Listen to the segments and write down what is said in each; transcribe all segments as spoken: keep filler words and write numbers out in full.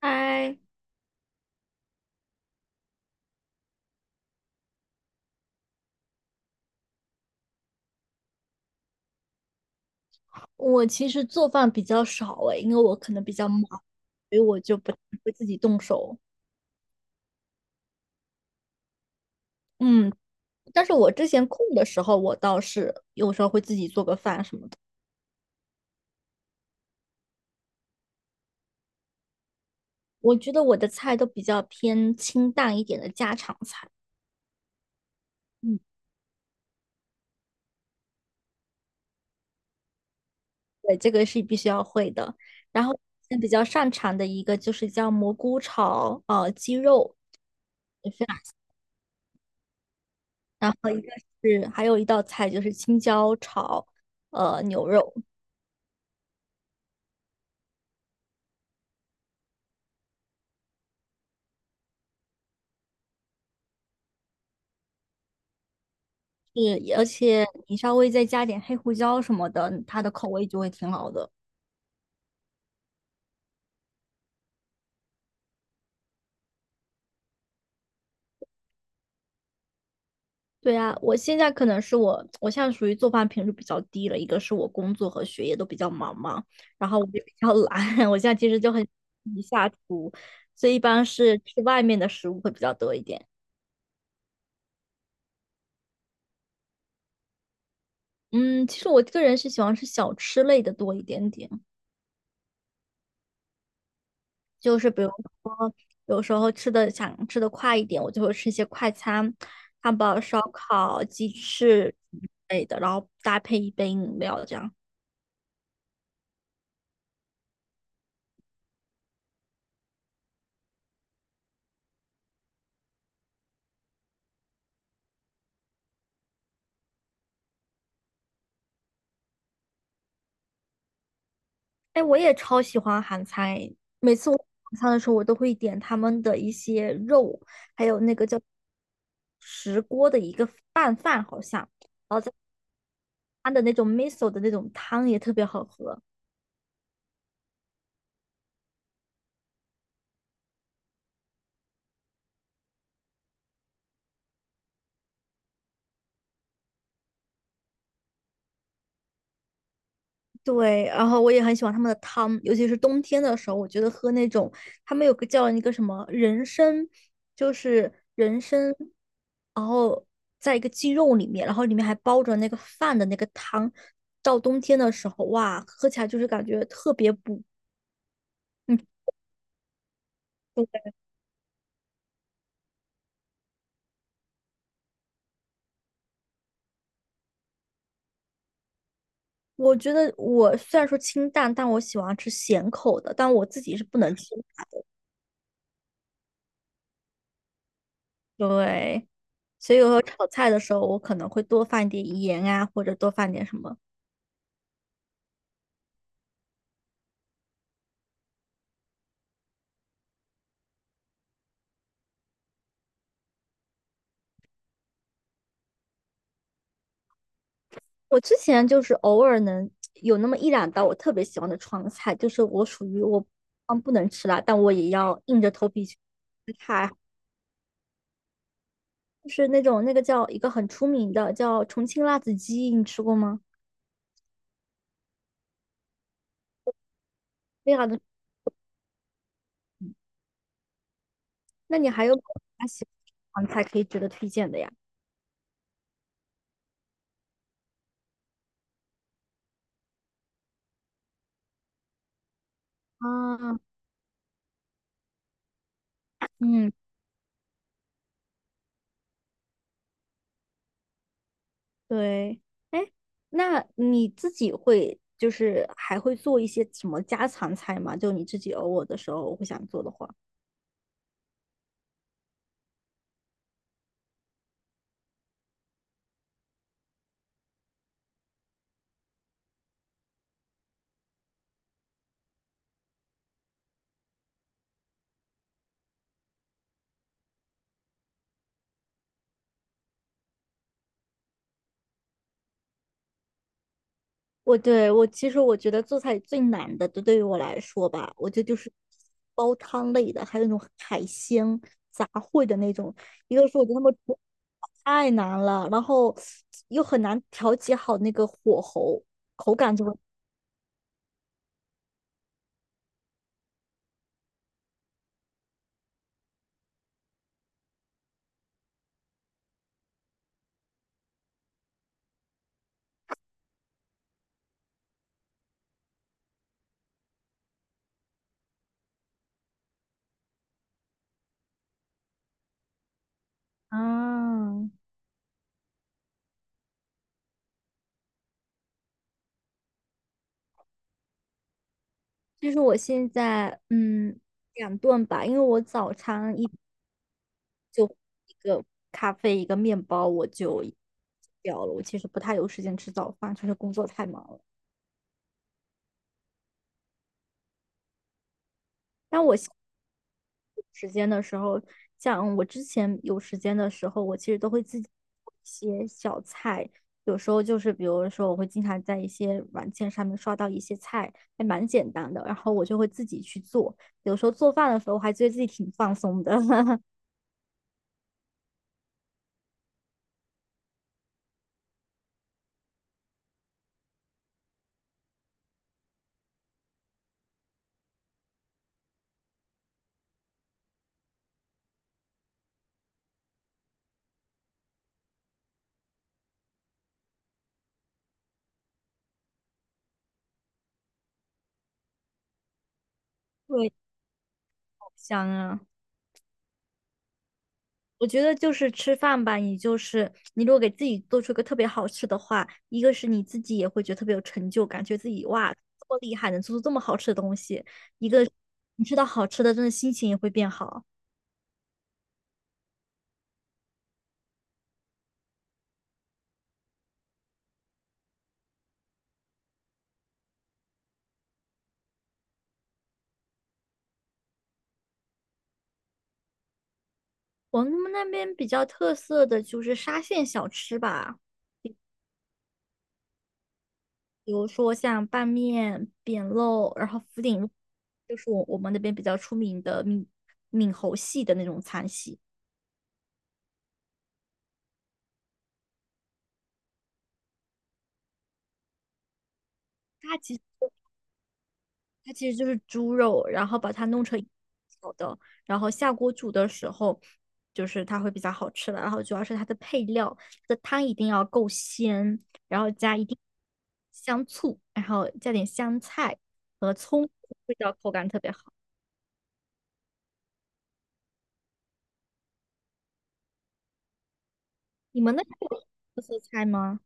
嗨，我其实做饭比较少诶，因为我可能比较忙，所以我就不太会自己动手。嗯，但是我之前空的时候，我倒是有时候会自己做个饭什么的。我觉得我的菜都比较偏清淡一点的家常菜。嗯，对，这个是必须要会的。然后现在比较擅长的一个就是叫蘑菇炒呃鸡肉，也非常。然后一个是还有一道菜就是青椒炒呃牛肉。是，而且你稍微再加点黑胡椒什么的，它的口味就会挺好的。对啊，我现在可能是我，我现在属于做饭频率比较低了，一个是我工作和学业都比较忙嘛，然后我就比较懒，我现在其实就很一下厨，所以一般是吃外面的食物会比较多一点。嗯，其实我个人是喜欢吃小吃类的多一点点。就是比如说有时候吃的想吃的快一点，我就会吃一些快餐，汉堡、烧烤、鸡翅之类的，然后搭配一杯饮料这样。哎，我也超喜欢韩餐诶，每次我晚餐的时候，我都会点他们的一些肉，还有那个叫石锅的一个拌饭，好像它的那种 miso 的那种汤也特别好喝。对，然后我也很喜欢他们的汤，尤其是冬天的时候，我觉得喝那种他们有个叫那个什么人参，就是人参，然后在一个鸡肉里面，然后里面还包着那个饭的那个汤，到冬天的时候，哇，喝起来就是感觉特别补。嗯，我我觉得我虽然说清淡，但我喜欢吃咸口的，但我自己是不能吃。对，所以有时候炒菜的时候，我可能会多放一点盐啊，或者多放点什么。我之前就是偶尔能有那么一两道我特别喜欢的川菜，就是我属于我嗯不能吃辣，但我也要硬着头皮去吃它，就是那种那个叫一个很出名的叫重庆辣子鸡，你吃过吗？非常的，那你还有没有其他喜欢的川菜可以值得推荐的呀？啊，嗯，对，哎，那你自己会就是还会做一些什么家常菜吗？就你自己偶尔的时候会想做的话。我对我其实我觉得做菜最难的，就对于我来说吧，我觉得就是煲汤类的，还有那种海鲜杂烩的那种。一个是我觉得他们煮太难了，然后又很难调节好那个火候，口感就会。啊，其实我现在嗯两顿吧，因为我早餐一一个咖啡一个面包我就掉了，我其实不太有时间吃早饭，就是工作太忙了。但我时间的时候，像我之前有时间的时候，我其实都会自己做一些小菜。有时候就是比如说，我会经常在一些软件上面刷到一些菜，还蛮简单的，然后我就会自己去做。有时候做饭的时候，我还觉得自己挺放松的。对，好香啊。我觉得就是吃饭吧，你就是你如果给自己做出一个特别好吃的话，一个是你自己也会觉得特别有成就感，觉得自己哇这么厉害，能做出这么好吃的东西；一个你吃到好吃的，真的心情也会变好。我们那边比较特色的就是沙县小吃吧，比如说像拌面、扁肉，然后福鼎肉，就是我我们那边比较出名的闽闽侯系的那种餐系。它其实，它其实就是猪肉，然后把它弄成小的，然后下锅煮的时候，就是它会比较好吃了。然后主要是它的配料，它的汤一定要够鲜，然后加一定香醋，然后加点香菜和葱，味道口感特别好。你们那边有特色菜吗？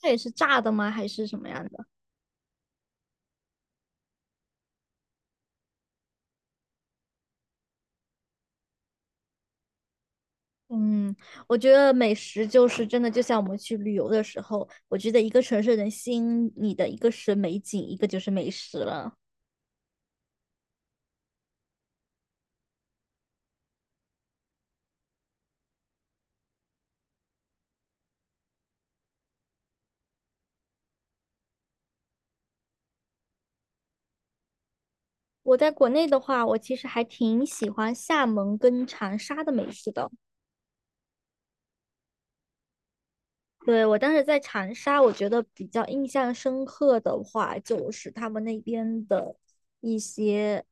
它也是炸的吗？还是什么样的？嗯，我觉得美食就是真的，就像我们去旅游的时候，我觉得一个城市能吸引你的，一个是美景，一个就是美食了。我在国内的话，我其实还挺喜欢厦门跟长沙的美食的。对，我当时在长沙，我觉得比较印象深刻的话，就是他们那边的一些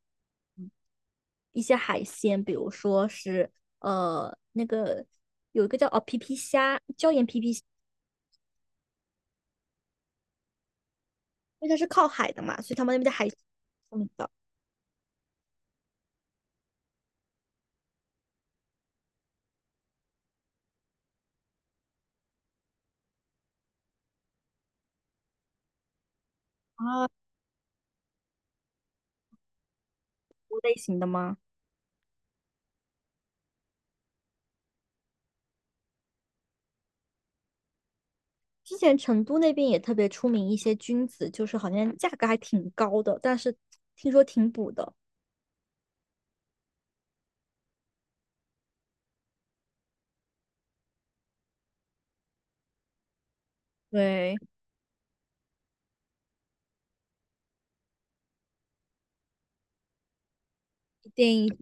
一些海鲜，比如说是呃那个有一个叫哦皮皮虾，椒盐皮皮虾，因为它是靠海的嘛，所以他们那边的海，嗯的啊，类型的吗？之前成都那边也特别出名一些菌子，就是好像价格还挺高的，但是听说挺补的。对，建议